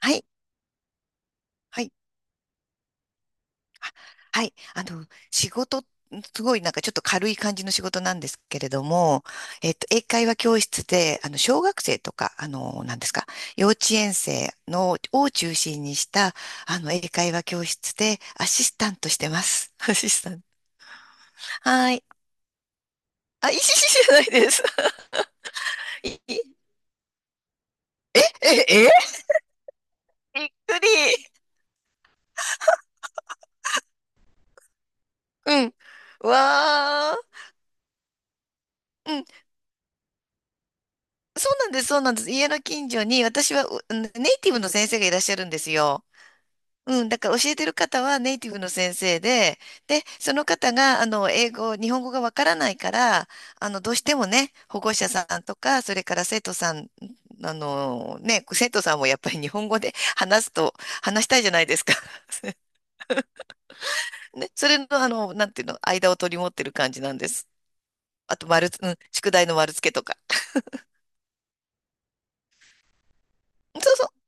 はい。はい。あ、はい。仕事、すごいなんかちょっと軽い感じの仕事なんですけれども、英会話教室で、小学生とか、あの、なんですか、幼稚園生を中心にした、英会話教室でアシスタントしてます。アシスタント。はい。あ、いいしじゃないです。いいえ、びっくり。うん。わー。うん、そうなんです、そうなんです。家の近所に私はネイティブの先生がいらっしゃるんですよ。うん、だから教えてる方はネイティブの先生で、で、その方が、日本語がわからないから、どうしてもね、保護者さんとか、それから生徒さんもやっぱり日本語で話すと、話したいじゃないですか。ね、それの、なんていうの、間を取り持ってる感じなんです。あと、丸つ、うん、宿題の丸付けとか。そうそう、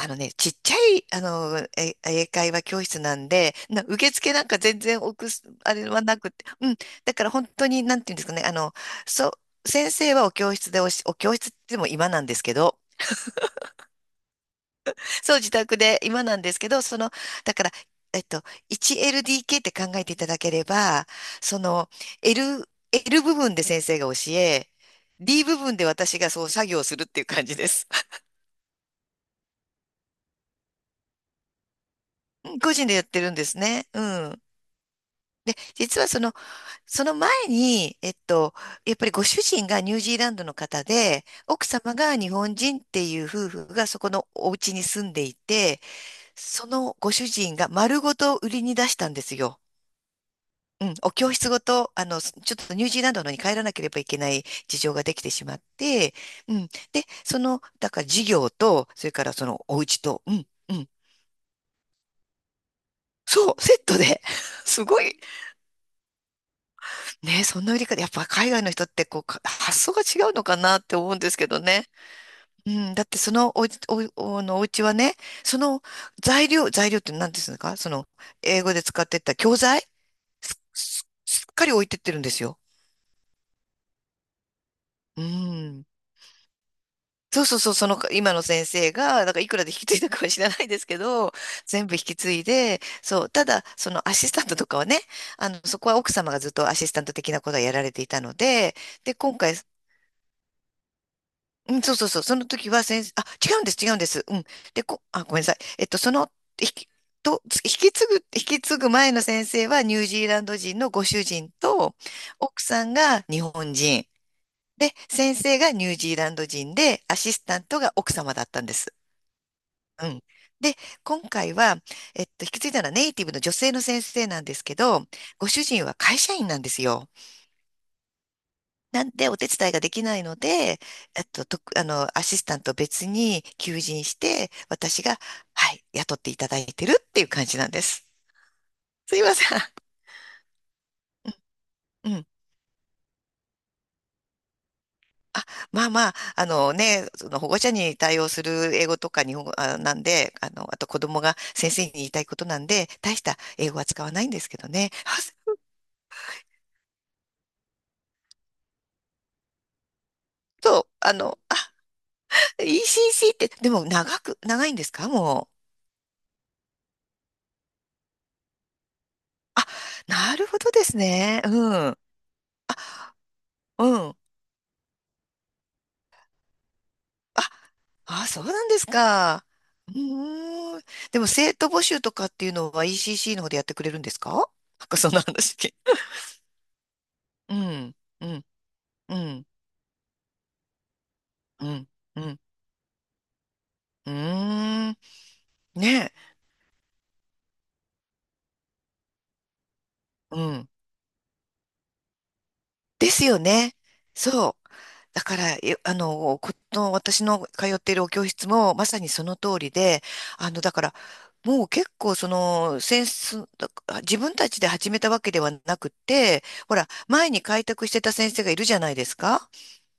ね、ちっちゃい、英会話教室なんで、受付なんか全然置くす、あれはなくて、うん。だから本当に、なんていうんですかね、そう、先生はお教室でお教室って言っても今なんですけど、そう、自宅で今なんですけど、その、だから、えっと、1LDK って考えていただければ、その、L 部分で先生が教え、D 部分で私がそう作業するっていう感じです。うん、個人でやってるんですね。うん。で、実はその前に、やっぱりご主人がニュージーランドの方で、奥様が日本人っていう夫婦がそこのお家に住んでいて、そのご主人が丸ごと売りに出したんですよ。うん、お教室ごと、ちょっとニュージーランドのに帰らなければいけない事情ができてしまって、うん。で、その、だから事業と、それからそのお家と、うん、うん。そう、セットで。すごい。ね、そんな売り方、やっぱ海外の人ってこう、発想が違うのかなって思うんですけどね。うん、だってそのおうち、お、おのお家はね、その材料って何ですかその英語で使ってた教材すっかり置いてってるんですよ。うん。そうそうそう、その今の先生が、なんかいくらで引き継いだかは知らないですけど、全部引き継いで、そう、ただそのアシスタントとかはね、そこは奥様がずっとアシスタント的なことはやられていたので、で、今回、うん、そうそうそう。その時は先生、あ、違うんです、違うんです。うん。で、あ、ごめんなさい。その、引き、引き継ぐ前の先生はニュージーランド人のご主人と、奥さんが日本人。で、先生がニュージーランド人で、アシスタントが奥様だったんです。うん。で、今回は、引き継いだのはネイティブの女性の先生なんですけど、ご主人は会社員なんですよ。なんでお手伝いができないので、えっと、と、あの、アシスタント別に求人して、私が、はい、雇っていただいてるっていう感じなんです。すいません。うん。あ、まあまあ、ね、その保護者に対応する英語とか日本語なんで、あと子供が先生に言いたいことなんで、大した英語は使わないんですけどね。あ、そう、ECC って、でも長いんですかもう。あ、なるほどですね。うん、うん。あ、あ、そうなんですか。うーん。でも生徒募集とかっていうのは ECC の方でやってくれるんですか。なんかそんな話聞い。うん、うん、うん、うん、うん。うーん。ねえ。うん。ですよね。そう。だから、えあの、この私の通っているお教室もまさにその通りで、だから、もう結構その、センス、だ自分たちで始めたわけではなくて、ほら、前に開拓してた先生がいるじゃないですか。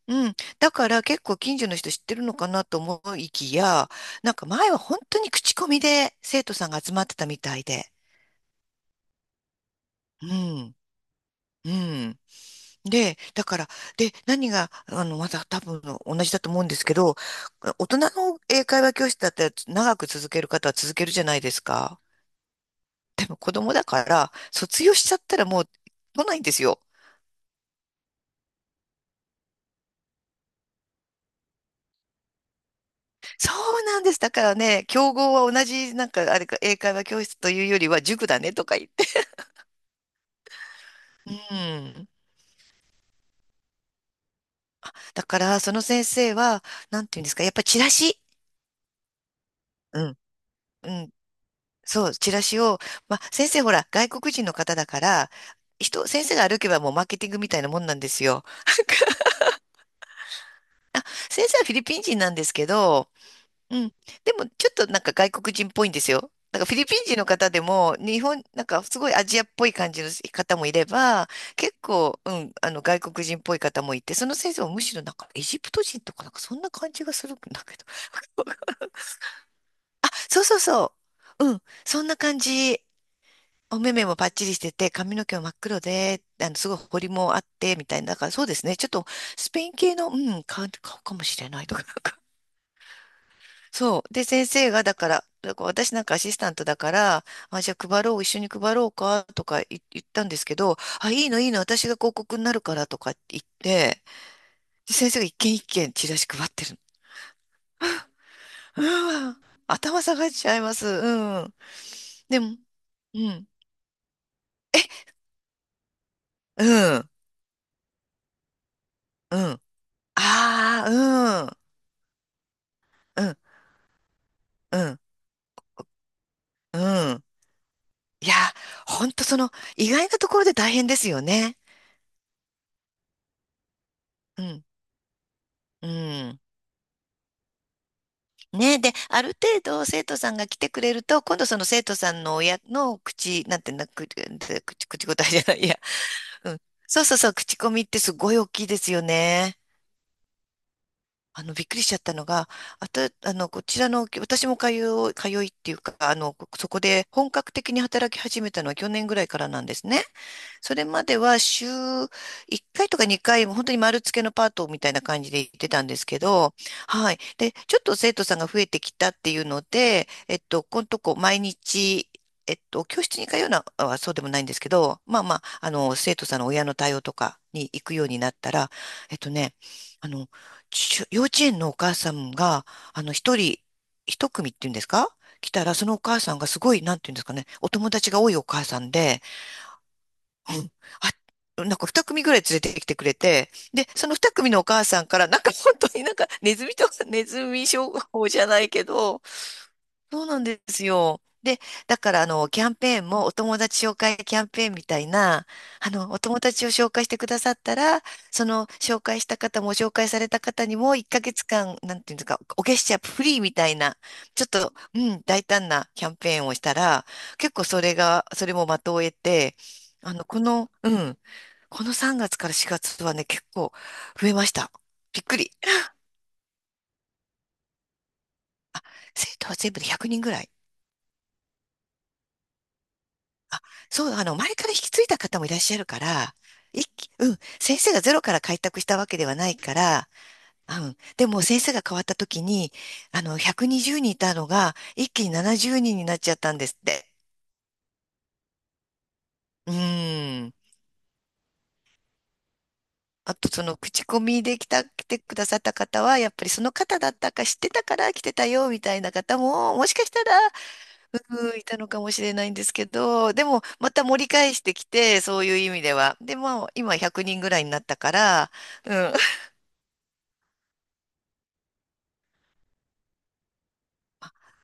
うん。だから結構近所の人知ってるのかなと思いきや、なんか前は本当に口コミで生徒さんが集まってたみたいで。うん。うん。で、だから、何が、また多分同じだと思うんですけど、大人の英会話教室だったら長く続ける方は続けるじゃないですか。子供だから、卒業しちゃったらもう来ないんですよ。そうなんです。だからね、競合は同じ、なんか、あれか、英会話教室というよりは塾だねとか言って。うん。だから、その先生は、なんていうんですか、やっぱチラシ。うん。うん。そう、チラシを、まあ、先生ほら、外国人の方だから、先生が歩けばもうマーケティングみたいなもんなんですよ。あ、先生はフィリピン人なんですけど、うん。でも、ちょっとなんか外国人っぽいんですよ。なんかフィリピン人の方でも、なんかすごいアジアっぽい感じの方もいれば、結構、うん、あの外国人っぽい方もいて、その先生はむしろなんかエジプト人とかなんかそんな感じがするんだけど。あ、そうそうそう。うん、そんな感じ。お目目もパッチリしてて、髪の毛も真っ黒で、すごい彫りもあって、みたいな。だからそうですね。ちょっと、スペイン系の、うん、顔かもしれないとか、なんか。そう。で、先生が、だから私なんかアシスタントだから、あ、じゃあ配ろう、一緒に配ろうか、とか言ったんですけど、あ、いいの、いいの、私が広告になるから、とか言って、で先生が一軒一軒チラシ配ってるの。うわ、頭下がっちゃいます。うん。でも、うん、うん、うん。ああ、うん、うん、うん。うん。いや、ほんとその、意外なところで大変ですよね。うん。うん。ね。で、ある程度生徒さんが来てくれると、今度その生徒さんの親の口、なんていうの、口答えじゃない、いや、うん。そうそうそう、口コミってすごい大きいですよね。びっくりしちゃったのが、あと、こちらの、私も通う、通いっていうか、そこで本格的に働き始めたのは去年ぐらいからなんですね。それまでは週1回とか2回、本当に丸付けのパートみたいな感じで行ってたんですけど、はい。で、ちょっと生徒さんが増えてきたっていうので、このとこ毎日、教室に通うのはそうでもないんですけど、まあまあ、生徒さんの親の対応とかに行くようになったら、えっとね、あの、幼稚園のお母さんが、一人、一組っていうんですか、来たら、そのお母さんがすごい、なんていうんですかね、お友達が多いお母さんで、うん。あ、なんか二組ぐらい連れてきてくれて、で、その二組のお母さんから、なんか本当になんかネズミとか、ネズミ商法じゃないけど、そうなんですよ。で、だから、キャンペーンも、お友達紹介キャンペーンみたいな、お友達を紹介してくださったら、その、紹介した方も、紹介された方にも、1ヶ月間、なんていうんですか、お月謝フリーみたいな、ちょっと、うん、大胆なキャンペーンをしたら、結構それが、それも的を得て、あの、この、うん、この3月から4月はね、結構増えました。びっくり。生徒は全部で100人ぐらい。あ、そう、前から引き継いだ方もいらっしゃるから、一気、うん、先生がゼロから開拓したわけではないから、うん、でも先生が変わった時に、120人いたのが、一気に70人にんになっちゃったんですって。うん。あと、その、口コミで来てくださった方は、やっぱりその方だったか知ってたから来てたよ、みたいな方も、もしかしたらうんいたのかもしれないんですけど、でもまた盛り返してきて、そういう意味では。で、まあ今100人ぐらいになったから、うん。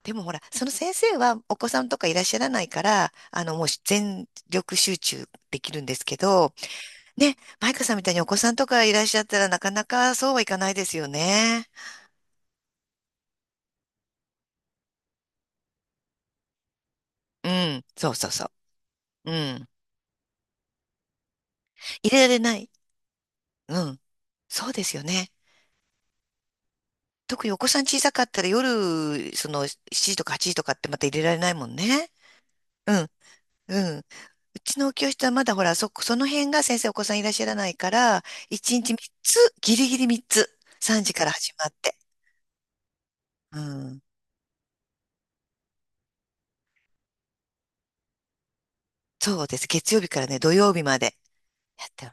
でもほら、その先生はお子さんとかいらっしゃらないから、もう全力集中できるんですけど、ね、マイカさんみたいにお子さんとかいらっしゃったらなかなかそうはいかないですよね。うん、そうそうそう。うん。入れられない。うん。そうですよね。特にお子さん小さかったら夜、その7時とか8時とかってまた入れられないもんね。うん、うん。うちの教室はまだほら、その辺が先生お子さんいらっしゃらないから、1日3つ、ギリギリ3つ、3時から始まって。うん。そうです。月曜日からね、土曜日までやってる。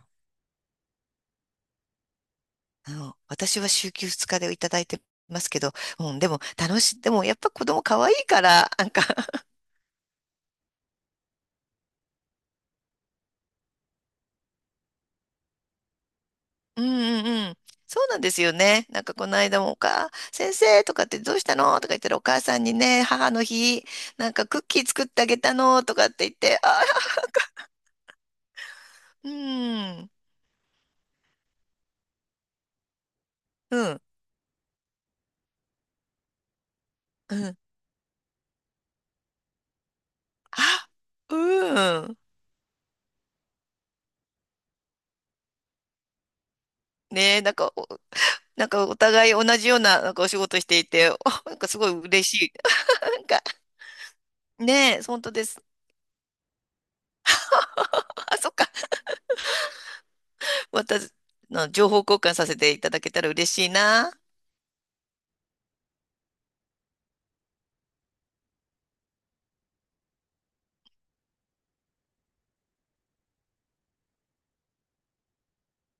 うん、私は週休2日でいただいてますけど、うん、でも楽しい、でもやっぱ子供可愛いから、なんか うんうんうん。そうなんですよね。なんかこの間も先生とかってどうしたのとか言ったらお母さんにね、母の日、なんかクッキー作ってあげたのとかって言って、あうん。うん。うん。あ、うん。ねえ、なんかお互い同じような、なんかお仕事していて、なんかすごい嬉しい。なんか、ねえ、本当です。あ、そっか。また、の情報交換させていただけたら嬉しいな。